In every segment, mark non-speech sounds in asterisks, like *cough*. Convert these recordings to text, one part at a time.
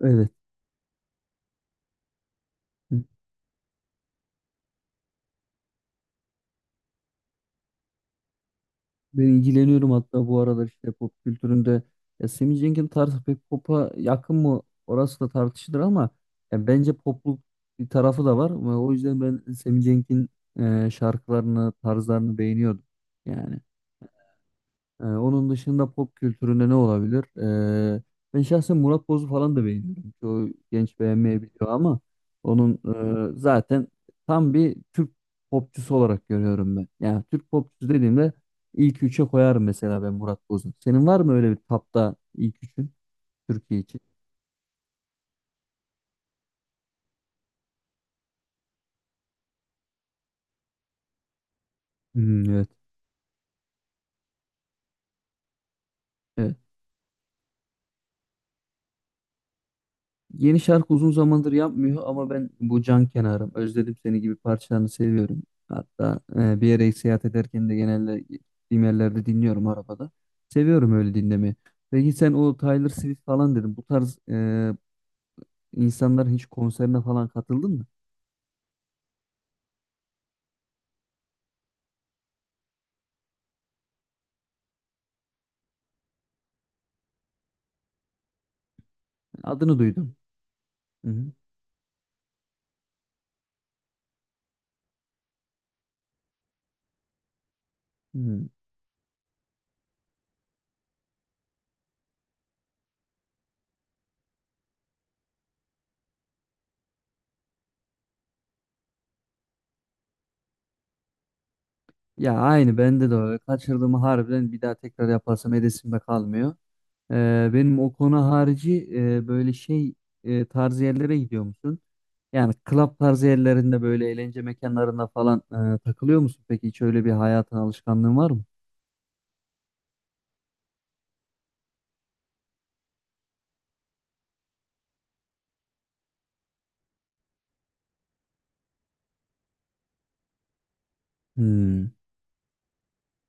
Evet. Ben ilgileniyorum hatta bu aralar işte pop kültüründe. Ya Sammy Jenkins tarzı pek pop'a yakın mı orası da tartışılır ama ya bence popluk bir tarafı da var. Ve o yüzden ben Sammy Jenkins'in şarkılarını, tarzlarını beğeniyordum. Yani. Onun dışında pop kültüründe ne olabilir? Ee, Ben şahsen Murat Boz'u falan da beğeniyorum. Çoğu genç beğenmeyebiliyor ama onun zaten tam bir Türk popçusu olarak görüyorum ben. Yani Türk popçusu dediğimde ilk üçe koyarım mesela ben Murat Boz'u. Senin var mı öyle bir tapta ilk üçün Türkiye için? Hmm, evet. Evet. Yeni şarkı uzun zamandır yapmıyor ama ben bu can kenarım, özledim seni gibi parçalarını seviyorum. Hatta bir yere seyahat ederken de genelde gittiğim yerlerde dinliyorum arabada. Seviyorum öyle dinlemeyi. Peki sen o Taylor Swift falan dedin. Bu tarz insanların hiç konserine falan katıldın mı? Adını duydum. Hı hı. Hı. Ya aynı bende de öyle. Kaçırdığımı harbiden bir daha tekrar yaparsam edesimde kalmıyor. Benim o konu harici böyle şey tarzı yerlere gidiyor musun? Yani club tarzı yerlerinde böyle eğlence mekanlarında falan takılıyor musun? Peki hiç öyle bir hayatın alışkanlığın var mı? Hmm.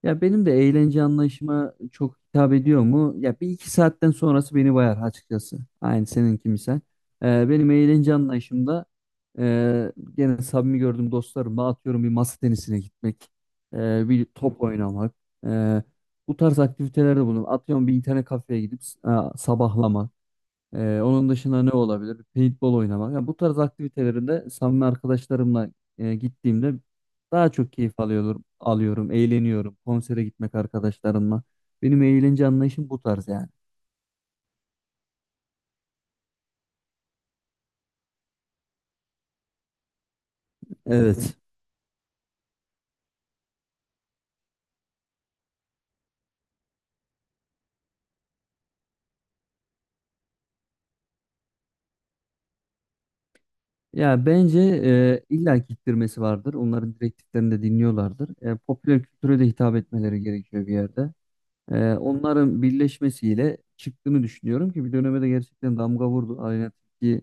Ya benim de eğlence anlayışıma çok hitap ediyor mu? Ya bir iki saatten sonrası beni bayar açıkçası. Aynı seninki misal. Benim eğlence anlayışımda e, gene samimi gördüğüm dostlarımla atıyorum bir masa tenisine gitmek, bir top oynamak, e, bu tarz aktivitelerde bulunuyorum. Atıyorum bir internet kafeye gidip e, sabahlamak. Onun dışında ne olabilir? Paintball oynamak. Ya bu tarz aktivitelerinde samimi arkadaşlarımla gittiğimde daha çok keyif alıyorum, eğleniyorum. Konsere gitmek arkadaşlarımla. Benim eğlence anlayışım bu tarz yani. Evet. Ya bence illa ki ittirmesi vardır. Onların direktiflerini de dinliyorlardır. Popüler kültüre de hitap etmeleri gerekiyor bir yerde. Onların birleşmesiyle çıktığını düşünüyorum ki bir döneme de gerçekten damga vurdu. Aleyna Tilki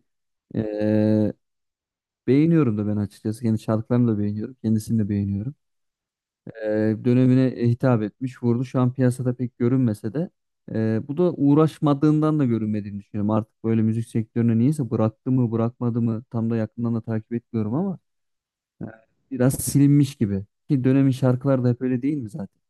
beğeniyorum da ben açıkçası. Kendi şarkılarını da beğeniyorum. Kendisini de beğeniyorum. Dönemine hitap etmiş, vurdu. Şu an piyasada pek görünmese de bu da uğraşmadığından da görünmediğini düşünüyorum. Artık böyle müzik sektörüne niyeyse bıraktı mı bırakmadı mı tam da yakından da takip etmiyorum ama e, biraz silinmiş gibi. Ki dönemin şarkıları da hep öyle değil mi zaten?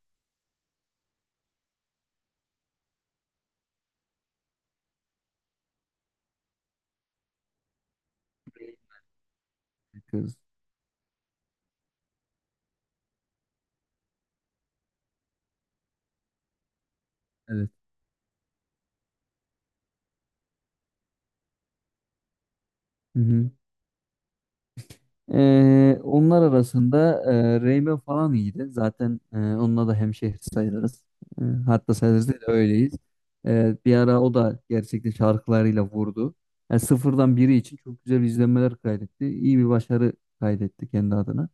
Kız. Evet. Hı hı. Onlar arasında Reyme falan iyiydi. Zaten onunla da hemşehri sayılırız. Hatta sayılırız değil de öyleyiz. Bir ara o da gerçekten şarkılarıyla vurdu. Yani sıfırdan biri için çok güzel izlenmeler kaydetti. İyi bir başarı kaydetti kendi adına.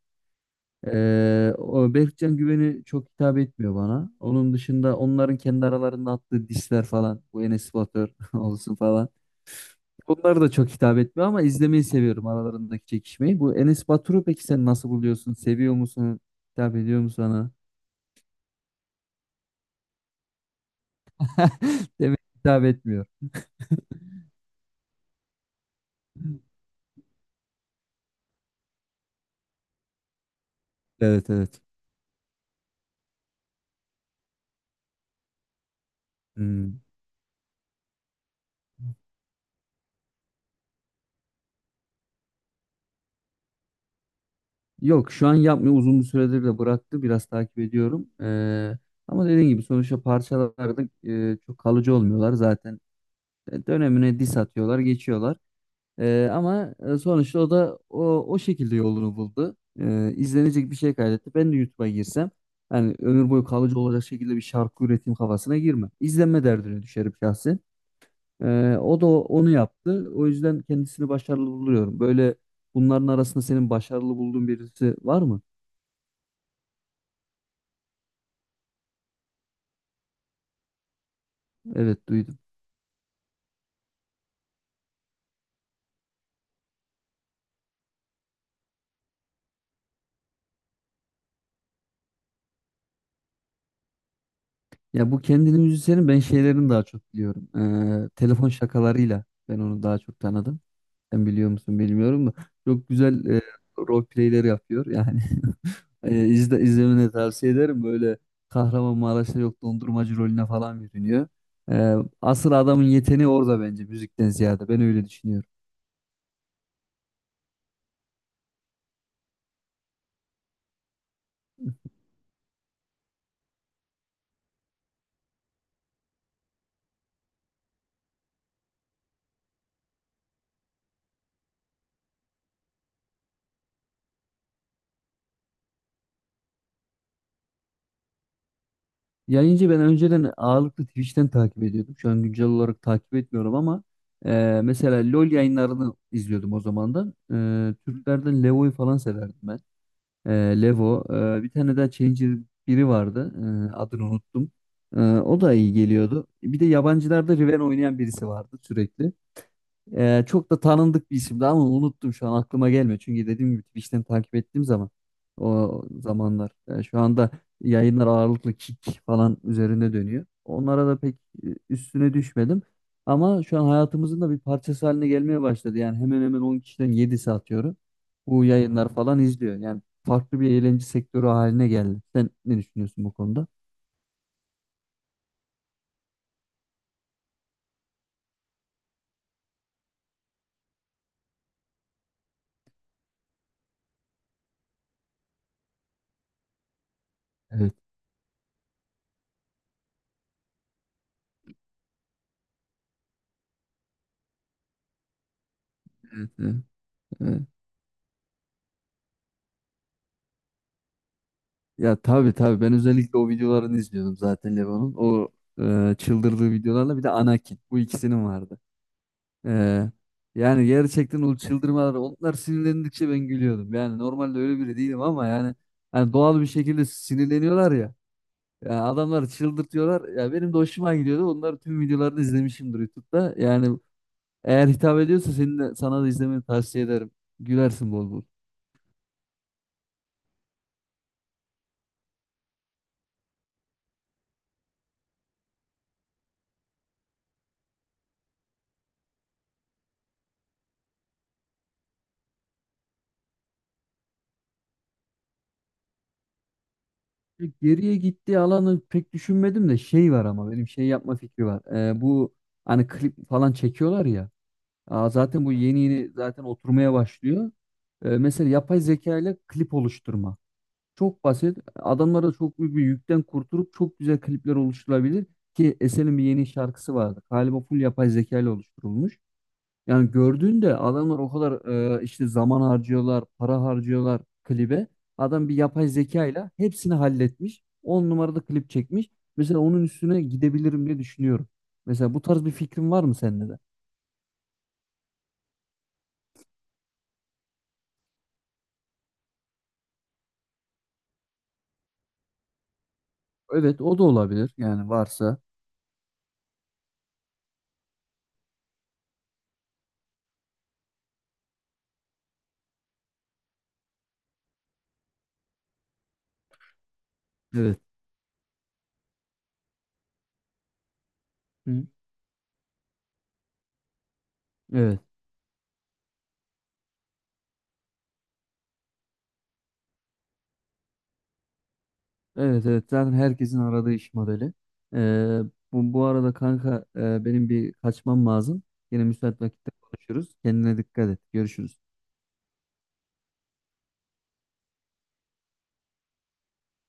O Berkcan Güven'i çok hitap etmiyor bana. Onun dışında onların kendi aralarında attığı disler falan. Bu Enes Batur *laughs* olsun falan. Bunlar da çok hitap etmiyor ama izlemeyi seviyorum aralarındaki çekişmeyi. Bu Enes Batur'u peki sen nasıl buluyorsun? Seviyor musun? Hitap ediyor mu sana? *laughs* Demek ki hitap etmiyor. Evet, evet. Hmm. Yok şu an yapmıyor. Uzun bir süredir de bıraktı. Biraz takip ediyorum. Ama dediğim gibi sonuçta parçalarda çok kalıcı olmuyorlar zaten. Dönemine diss atıyorlar, geçiyorlar. Ama sonuçta o da o şekilde yolunu buldu. İzlenecek bir şey kaydetti. Ben de YouTube'a girsem yani ömür boyu kalıcı olacak şekilde bir şarkı üretim kafasına girmem. İzlenme derdine düşerim şahsen. O da onu yaptı. O yüzden kendisini başarılı buluyorum. Böyle bunların arasında senin başarılı bulduğun birisi var mı? Evet, duydum. Ya bu kendini müzisyenin ben şeylerini daha çok biliyorum. Telefon şakalarıyla ben onu daha çok tanıdım. Sen biliyor musun bilmiyorum da çok güzel role playler yapıyor. Yani *laughs* izlemeni tavsiye ederim. Böyle Kahramanmaraş'ta yok dondurmacı rolüne falan bürünüyor. Ee, Asıl adamın yeteneği orada bence müzikten ziyade. Ben öyle düşünüyorum. Yayıncı ben önceden ağırlıklı Twitch'ten takip ediyordum. Şu an güncel olarak takip etmiyorum ama mesela LoL yayınlarını izliyordum o zamandan. Türklerden Levo'yu falan severdim ben. E, Levo. Bir tane daha Challenger biri vardı. Adını unuttum. O da iyi geliyordu. Bir de yabancılarda Riven oynayan birisi vardı sürekli. Çok da tanındık bir isimdi ama unuttum şu an aklıma gelmiyor. Çünkü dediğim gibi Twitch'ten takip ettiğim zaman o zamanlar şu anda yayınlar ağırlıklı kick falan üzerine dönüyor. Onlara da pek üstüne düşmedim. Ama şu an hayatımızın da bir parçası haline gelmeye başladı. Yani hemen hemen 10 kişiden 7'si atıyorum. Bu yayınlar falan izliyor. Yani farklı bir eğlence sektörü haline geldi. Sen ne düşünüyorsun bu konuda? Evet. Evet, evet. Ya tabii tabii ben özellikle o videolarını izliyordum zaten Leon'un. O çıldırdığı videolarla bir de Anakin. Bu ikisinin vardı. E, Yani gerçekten o çıldırmaları onlar sinirlendikçe ben gülüyordum. Yani normalde öyle biri değilim ama yani hani doğal bir şekilde sinirleniyorlar ya. Ya adamları çıldırtıyorlar. Ya benim de hoşuma gidiyordu. Onların tüm videolarını izlemişimdir YouTube'da. Yani eğer hitap ediyorsa senin de, sana da izlemeni tavsiye ederim. Gülersin bol bol. Geriye gittiği alanı pek düşünmedim de şey var ama benim şey yapma fikri var. Bu hani klip falan çekiyorlar ya. Aa, zaten bu yeni yeni zaten oturmaya başlıyor. Mesela yapay zeka ile klip oluşturma. Çok basit. Adamlara çok büyük bir yükten kurtulup çok güzel klipler oluşturulabilir. Ki Esen'in bir yeni şarkısı vardı. Galiba full yapay zeka ile oluşturulmuş. Yani gördüğünde adamlar o kadar işte zaman harcıyorlar, para harcıyorlar klibe. Adam bir yapay zeka ile hepsini halletmiş. On numarada klip çekmiş. Mesela onun üstüne gidebilirim diye düşünüyorum. Mesela bu tarz bir fikrin var mı sende de? Evet o da olabilir yani varsa. Evet. Hı. Evet. Evet, evet zaten herkesin aradığı iş modeli. Ee, Bu, arada kanka benim bir kaçmam lazım. Yine müsait vakitte konuşuruz. Kendine dikkat et. Görüşürüz.